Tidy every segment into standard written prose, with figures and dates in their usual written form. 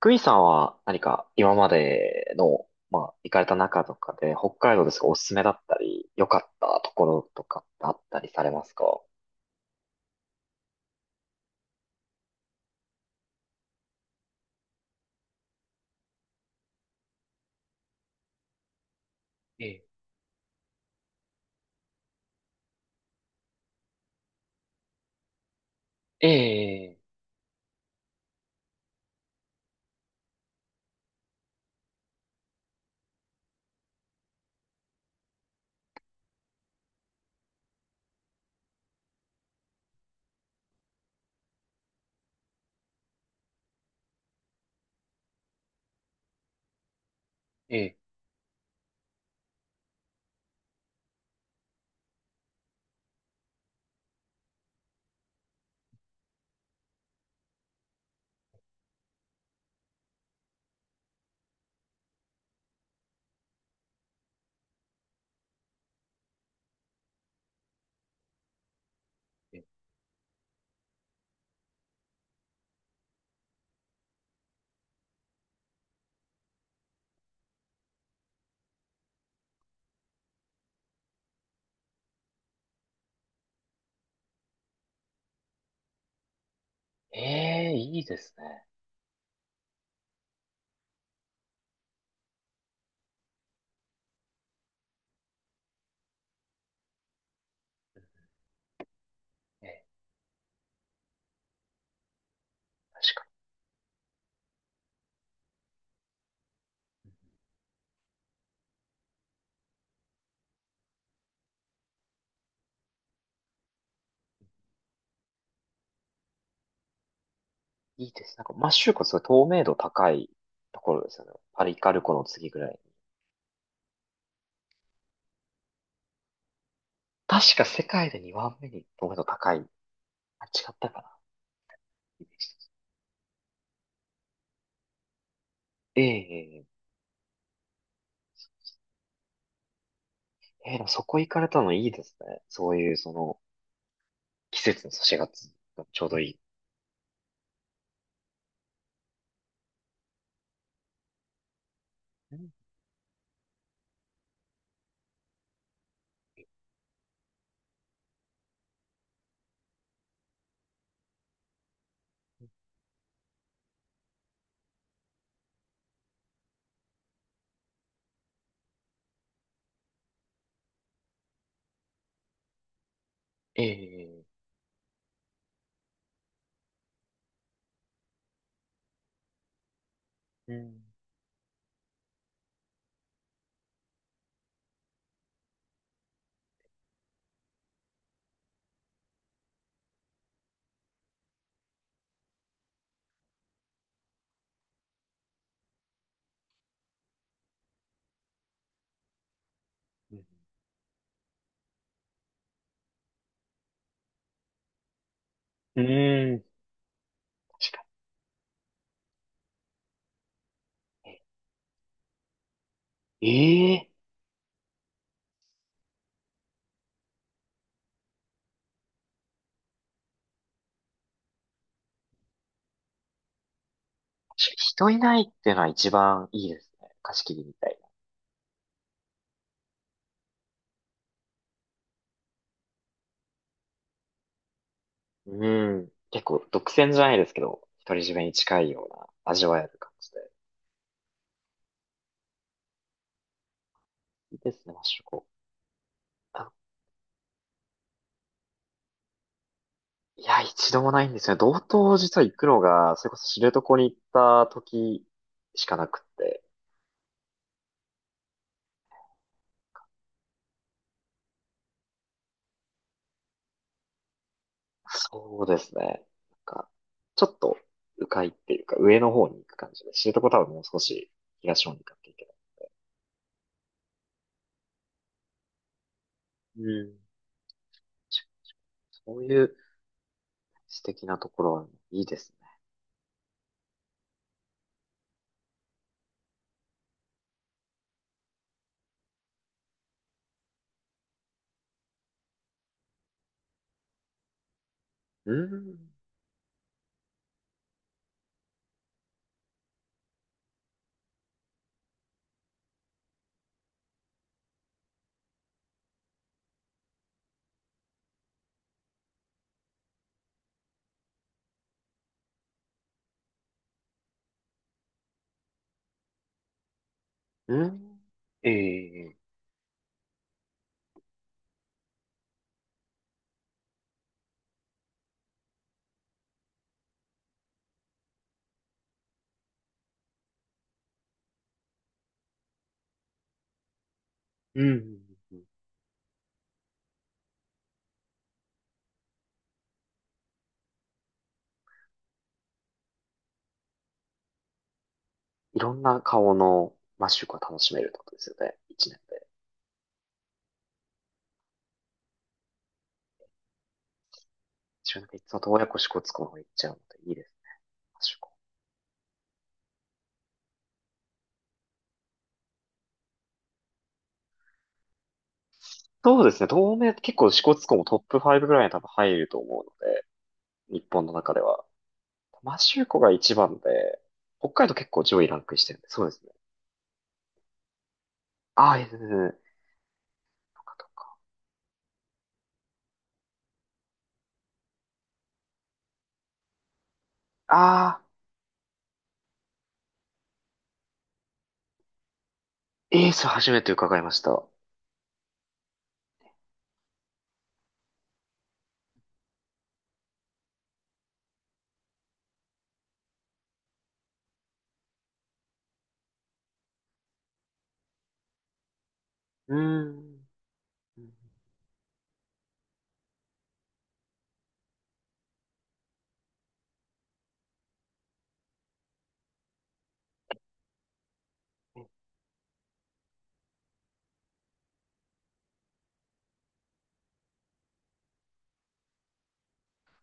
クイさんは何か今までの、まあ、行かれた中とかで、北海道ですがおすすめだったり、良かったところとかってあったりされますか？ええ、ええ、ええ、ええ、いいですね。いいです。なんか、摩周湖すごい透明度高いところですよね。パリカル湖の次ぐらいに。確か世界で2番目に透明度高い。あ、違ったかな。イメージ、ええ、ええ、ええ、でもそこ行かれたのいいですね。そういう、その、季節の差しがつ、ちょうどいい。うん、ええ、うん。うん。うーん。確かに。ええ、確かに人いないっていうのは一番いいですね。貸し切りみたいな。うん。結構独占じゃないですけど、独り占めに近いような味わえる感じで。いいですね、マッシュコ。あ、いや、一度もないんですよね。道東実は行くのが、それこそ知床に行った時しかなくって。そうですね。なんか、ちょっと、迂回っていうか、上の方に行く感じで、知床多分もう少し東の方に行かなきゃいけない。うん。そういう素敵なところはいいですね。うん。うん。ええ、うん。いろんな顔のマッシュが楽しめるってことですよね。一年で。一年でいつも洞爺湖支笏湖の方行っちゃうのでいいですね、マッシュ湖。そうですね。東名、結構支笏湖もトップ5ぐらいに多分入ると思うので、日本の中では。マシューコが一番で、北海道結構上位ランクしてるんで、そうですね。ああ、いいですね。とかとか。ああ、エース初めて伺いました。うーん。うん、え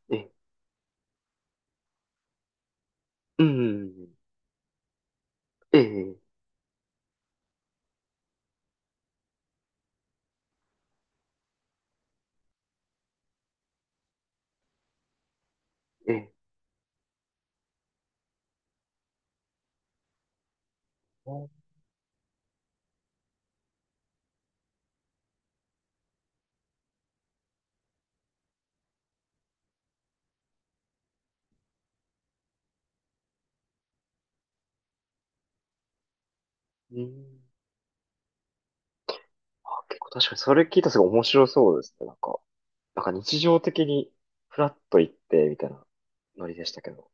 え、うん。ええ、ええ。うん。あ、結構確かにそれ聞いたらすごい面白そうですね。なんか、なんか日常的にフラッと行って、みたいなノリでしたけど。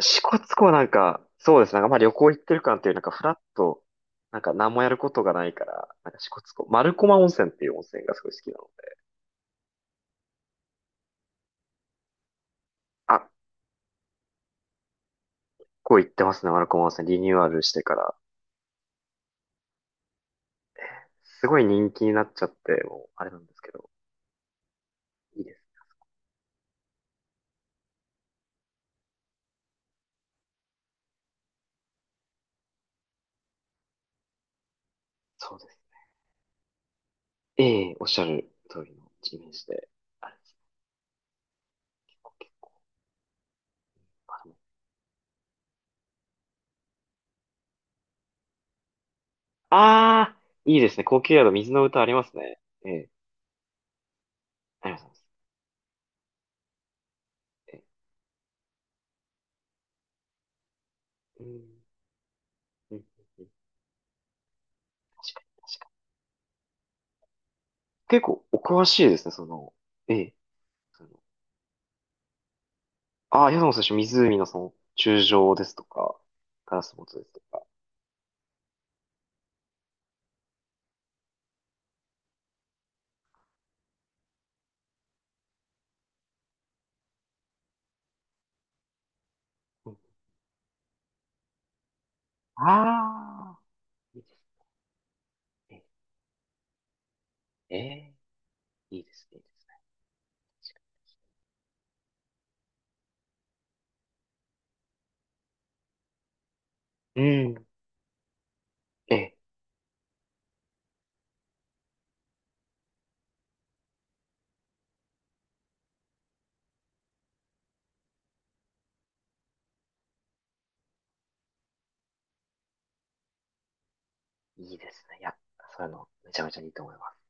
支笏湖はなんか、そうですね。なんかまあ旅行行ってる感っていう、なんかフラッと、なんか何もやることがないから、なんか支笏湖、丸駒温泉っていう温泉がすごい好きなので。あ、こう行ってますね、丸駒温泉。リニューアルしてから。すごい人気になっちゃって、もう、あれなんですけど。いいです。そうです。ええ、おっしゃる通りのイメージで。あれです、高級、あでも、あー、いいですね。高級宿、水の歌ありますね。ええ、ありますあります。ええ、うん、うん、うん、うん、確かに、確かに。結構、お詳しいですね、その、ええ、その、ああ、宿の最初、湖のその、柱状ですとか、ガラスボトですとか。うん、ああ、いいですね。ええ、いいですね、いいですね。うん、ええ、いいですね。いや、そういうの、めちゃめちゃいいと思います。